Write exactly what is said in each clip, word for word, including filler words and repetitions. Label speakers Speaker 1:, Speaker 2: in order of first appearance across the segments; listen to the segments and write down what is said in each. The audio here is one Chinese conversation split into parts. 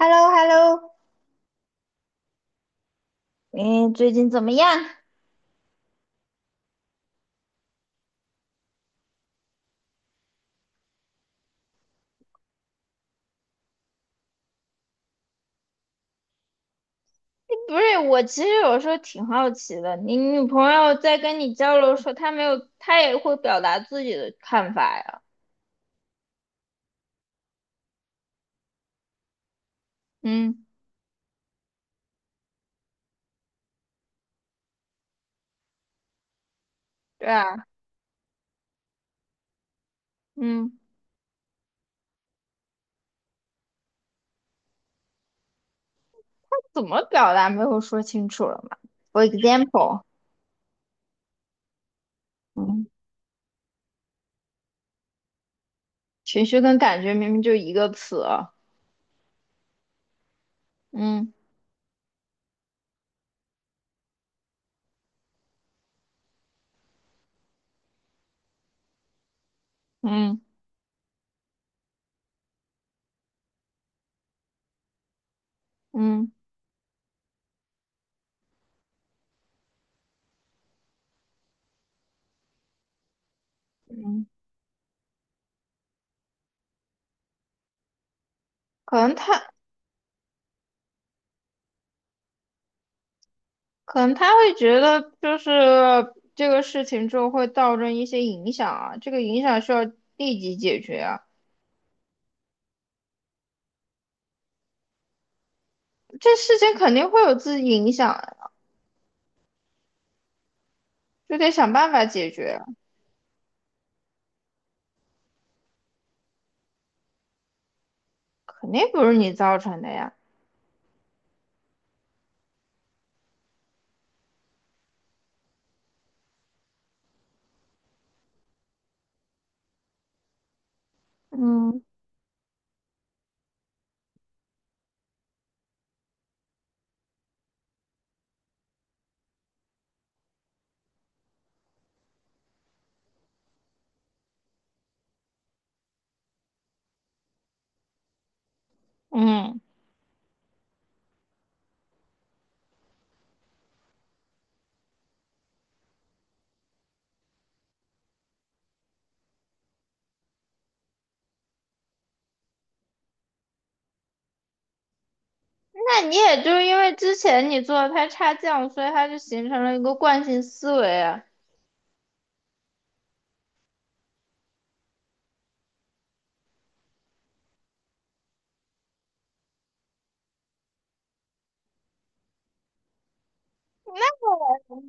Speaker 1: h e l l o h e l l o 你最近怎么样？不是，我其实有时候挺好奇的，你女朋友在跟你交流的时候，她没有，她也会表达自己的看法呀。嗯，对啊，嗯，怎么表达没有说清楚了嘛？For example，嗯，情绪跟感觉明明就一个词啊。嗯嗯嗯嗯，可能她可能她会觉得就是这个事情之后会造成一些影响啊，这个影响需要立即解决啊。这事情肯定会有自己影响啊，就得想办法解决，肯定不是你造成的呀。嗯嗯，那你也就是因为之前你做的太差劲，所以他就形成了一个惯性思维啊。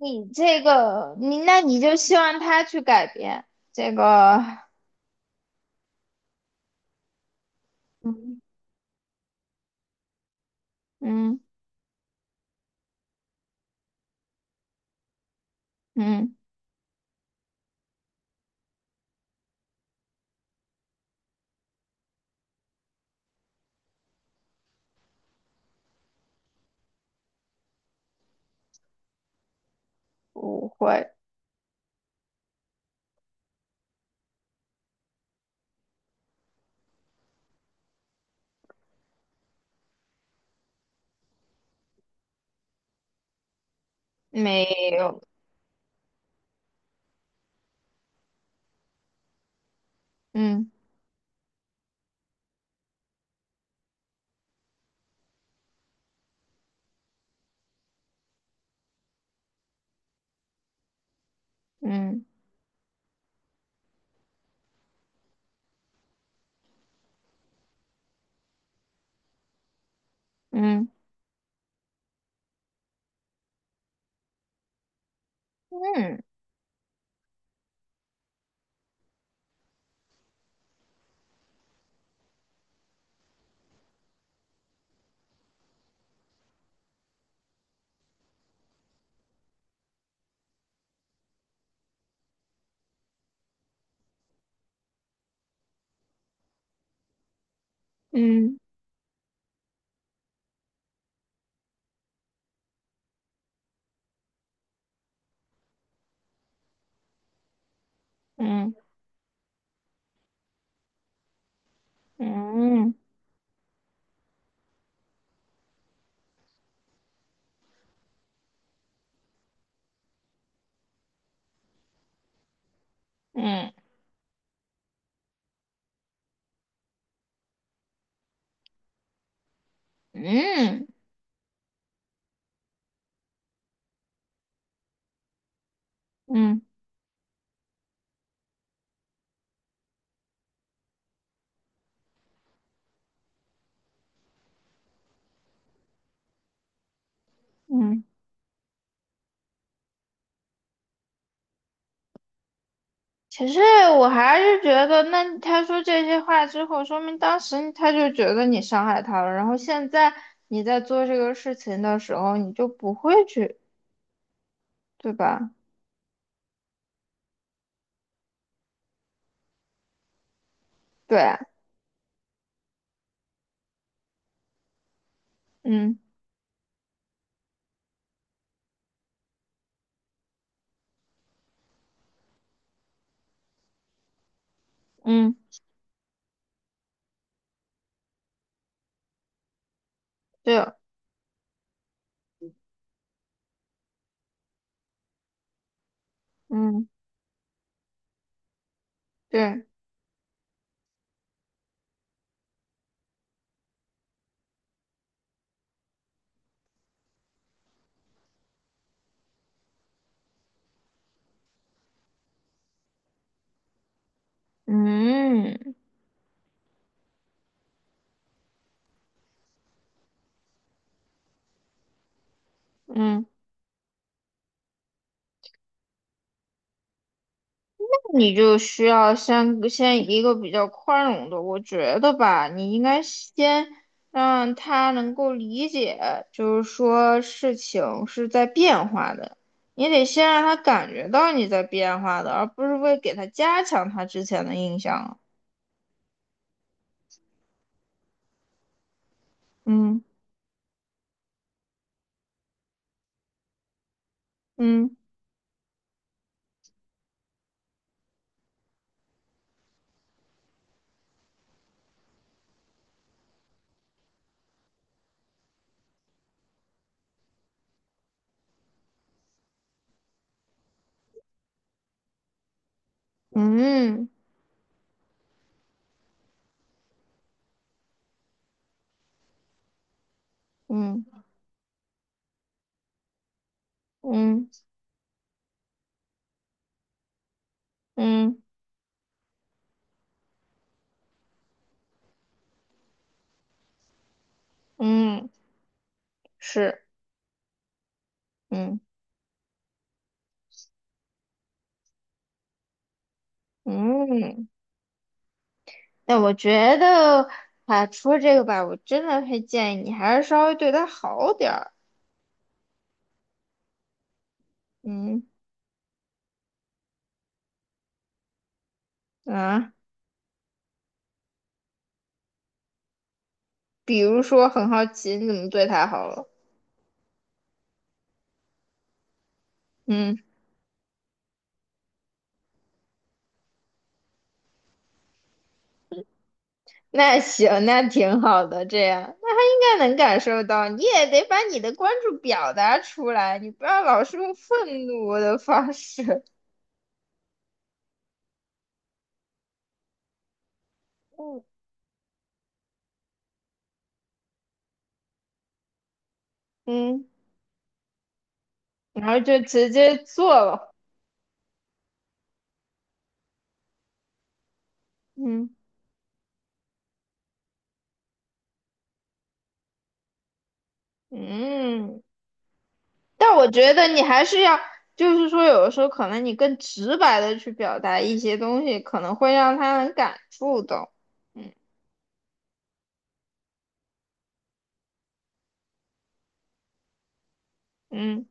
Speaker 1: 你这个，你那你就希望他去改变这个，嗯嗯嗯，不会，没有，嗯嗯嗯嗯嗯嗯嗯嗯嗯嗯嗯。其实我还是觉得，那他说这些话之后，说明当时他就觉得你伤害他了，然后现在你在做这个事情的时候，你就不会去，对吧？对啊，嗯嗯，对，嗯对，嗯嗯。你就需要先先一个比较宽容的，我觉得吧，你应该先让他能够理解，就是说事情是在变化的，你得先让他感觉到你在变化的，而不是为给他加强他之前的印象。嗯嗯嗯嗯嗯嗯嗯，是，嗯嗯。那我觉得，啊，除了这个吧，我真的会建议你还是稍微对他好点儿。嗯啊，比如说，很好奇你怎么对他好了。嗯，那行，那挺好的，这样大家能感受到，你也得把你的关注表达出来，你不要老是用愤怒的方式。嗯嗯，然后就直接做了。嗯嗯。但我觉得你还是要，就是说，有的时候可能你更直白的去表达一些东西，可能会让他很感触到。嗯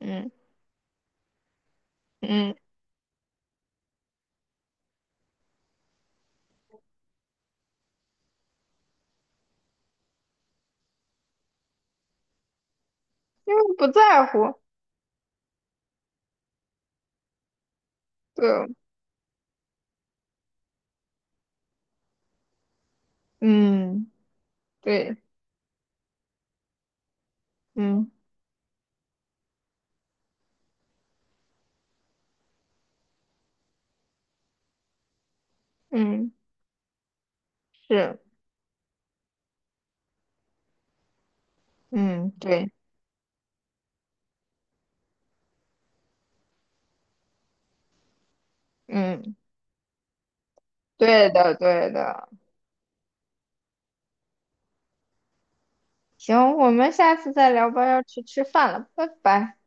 Speaker 1: 嗯嗯，因为不在乎，对，嗯对，嗯嗯是，嗯对，嗯对的对的。行，我们下次再聊吧，要去吃饭了，拜拜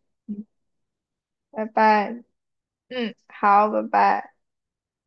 Speaker 1: 拜拜。嗯，好，拜拜。